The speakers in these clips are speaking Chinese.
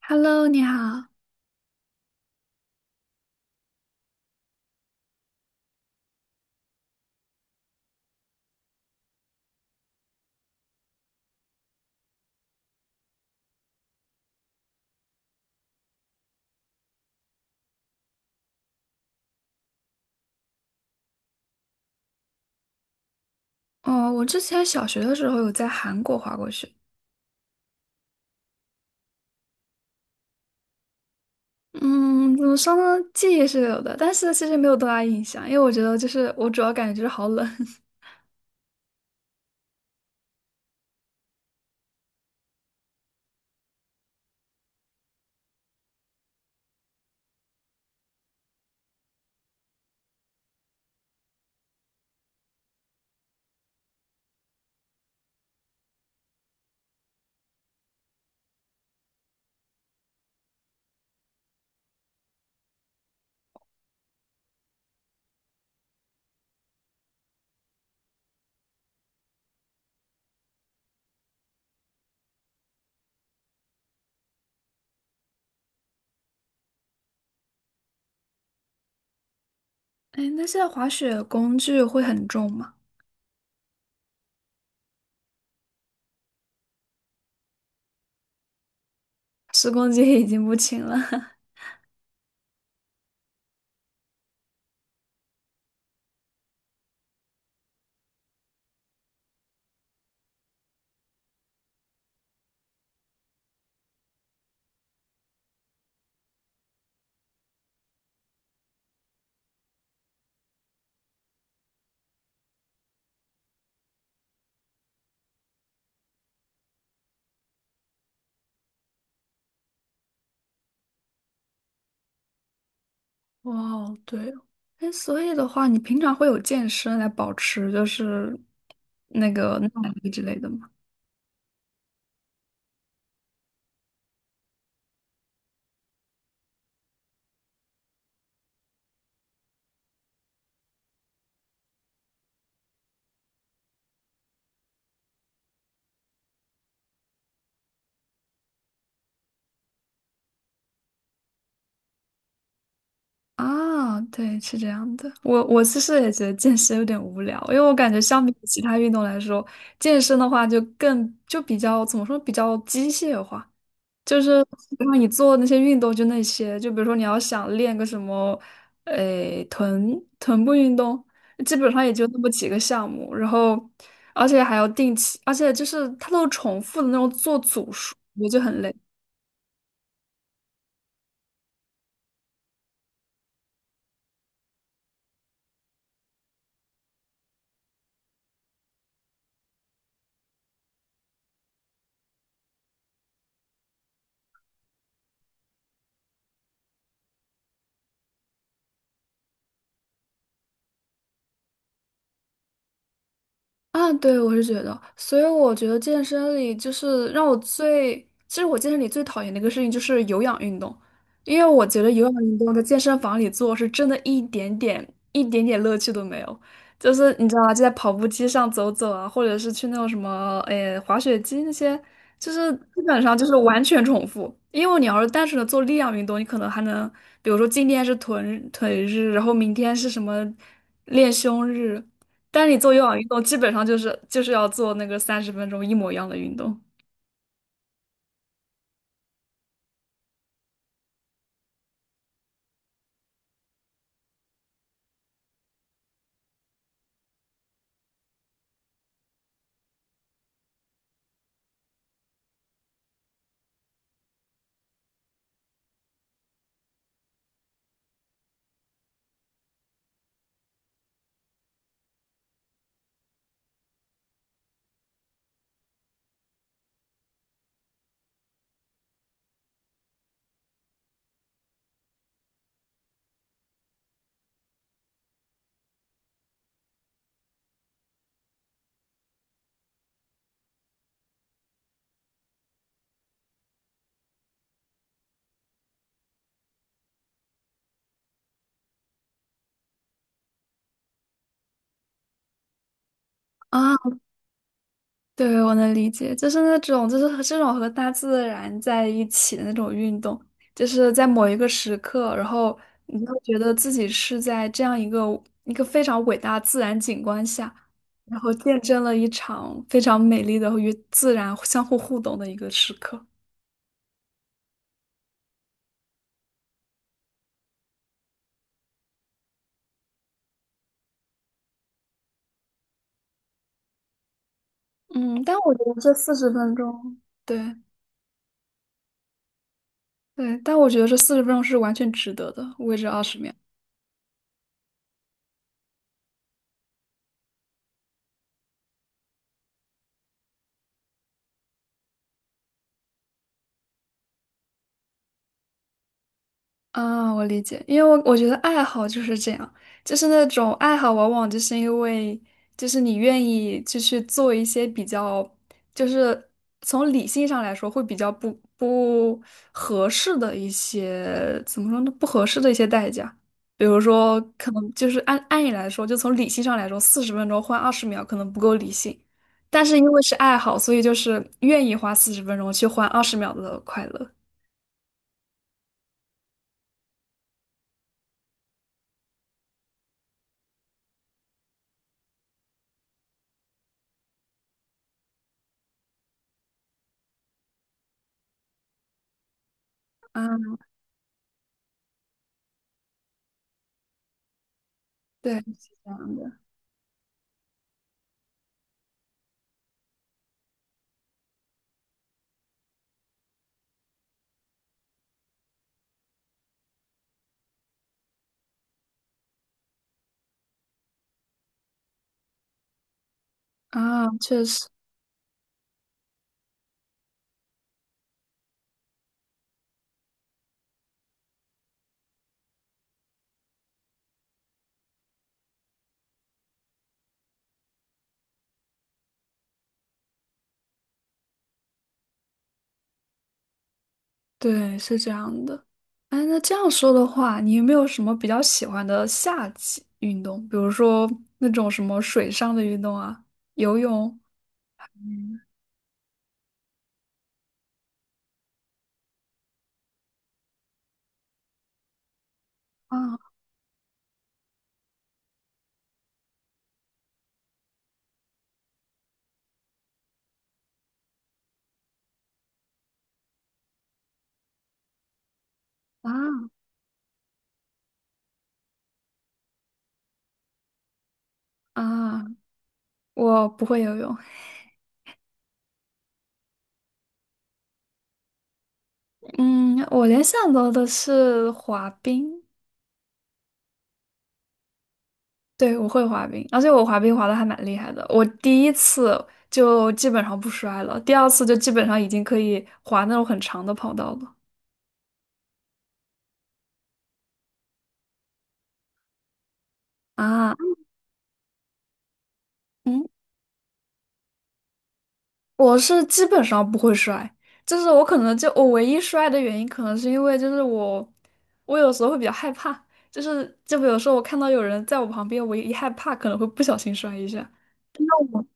Hello，你好。哦，我之前小学的时候有在韩国滑过雪。嗯，怎么说呢？记忆是有的，但是其实没有多大印象，因为我觉得就是我主要感觉就是好冷。哎，那现在滑雪工具会很重吗？10公斤已经不轻了。哇哦，对哦。哎，所以的话，你平常会有健身来保持就是那个耐力之类的吗？啊，对，是这样的。我其实也觉得健身有点无聊，因为我感觉相比起其他运动来说，健身的话就比较怎么说，比较机械化，就是让你做那些运动就那些，就比如说你要想练个什么，诶，臀部运动，基本上也就那么几个项目，然后而且还要定期，而且就是它都是重复的那种做组数，我就很累。啊，对，我是觉得，所以我觉得健身里就是让我最，其实我健身里最讨厌的一个事情就是有氧运动，因为我觉得有氧运动在健身房里做是真的一点点乐趣都没有，就是你知道吗？就在跑步机上走走啊，或者是去那种什么，诶、滑雪机那些，就是基本上就是完全重复。因为你要是单纯的做力量运动，你可能还能，比如说今天是臀腿日，然后明天是什么练胸日。但是你做有氧运动，基本上就是要做那个30分钟一模一样的运动。啊，对，我能理解，就是那种，就是和这种和大自然在一起的那种运动，就是在某一个时刻，然后你就会觉得自己是在这样一个非常伟大的自然景观下，然后见证了一场非常美丽的与自然互动的一个时刻。嗯，但我觉得这四十分钟，对对，但我觉得这四十分钟是完全值得的，为这二十秒。啊，我理解，因为我觉得爱好就是这样，就是那种爱好，往往就是因为就是你愿意就去做一些比较，就是从理性上来说会比较不合适的一些，怎么说呢？不合适的一些代价，比如说可能就是按理来说，就从理性上来说，四十分钟换二十秒可能不够理性，但是因为是爱好，所以就是愿意花四十分钟去换二十秒的快乐。啊，对，是这样的。啊，确实，对，是这样的。哎，那这样说的话，你有没有什么比较喜欢的夏季运动？比如说那种什么水上的运动啊，游泳。啊啊啊！我不会游泳，嗯，我联想到的是滑冰，对，我会滑冰，而且我滑冰滑的还蛮厉害的。我第一次就基本上不摔了，第二次就基本上已经可以滑那种很长的跑道了。啊，嗯。我是基本上不会摔，就是我可能就我唯一摔的原因，可能是因为就是我有时候会比较害怕，就比如说我看到有人在我旁边，我一害怕可能会不小心摔一下。那我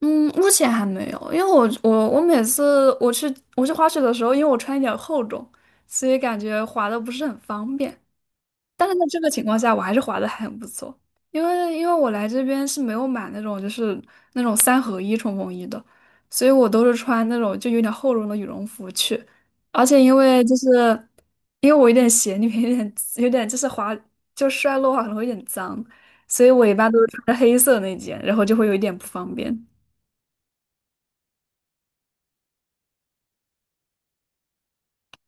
嗯，目前还没有，因为我每次我去滑雪的时候，因为我穿一点厚重，所以感觉滑的不是很方便。但是在这个情况下，我还是划得很不错，因为我来这边是没有买那种三合一冲锋衣的，所以我都是穿那种就有点厚绒的羽绒服去，而且因为我有点鞋里面有点就是滑就摔落的话可能会有点脏，所以我一般都是穿着黑色那件，然后就会有一点不方便。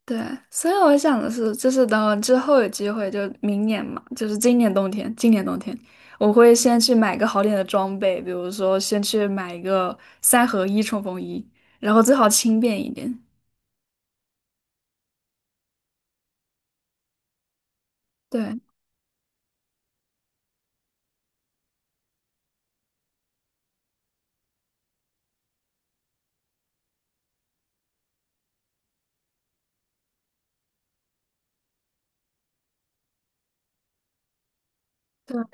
对，所以我想的是，就是等我之后有机会，就明年嘛，就是今年冬天我会先去买个好点的装备，比如说先去买一个三合一冲锋衣，然后最好轻便一点。对对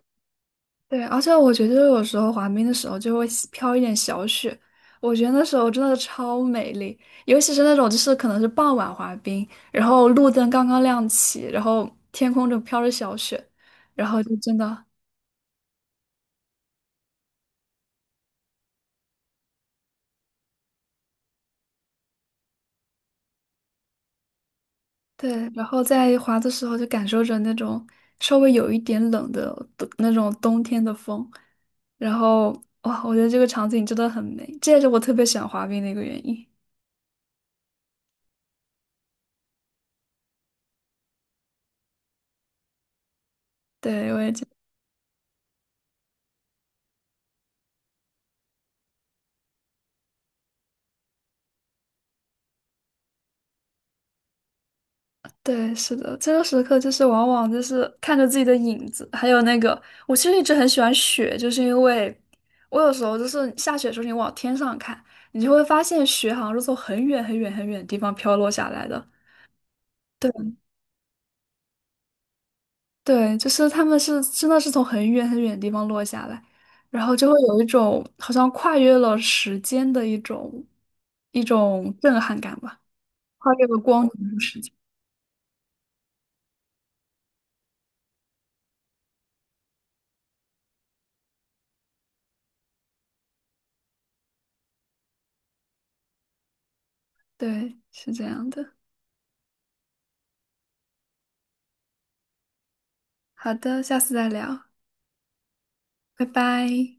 对，而且我觉得有时候滑冰的时候就会喜飘一点小雪，我觉得那时候真的超美丽，尤其是那种就是可能是傍晚滑冰，然后路灯刚刚亮起，然后天空就飘着小雪，然后就真的对，然后在滑的时候就感受着那种稍微有一点冷的那种冬天的风，然后哇，我觉得这个场景真的很美，这也是我特别喜欢滑冰的一个原因。对，我也觉得，对，是的，这个时刻就是往往就是看着自己的影子，还有那个，我其实一直很喜欢雪，就是因为我有时候就是下雪的时候，你往天上看，你就会发现雪好像是从很远很远很远的地方飘落下来的。对。对，就是他们是真的是从很远很远的地方落下来，然后就会有一种好像跨越了时间的一种震撼感吧，跨越了光年的时间。对，是这样的。好的，下次再聊，拜拜。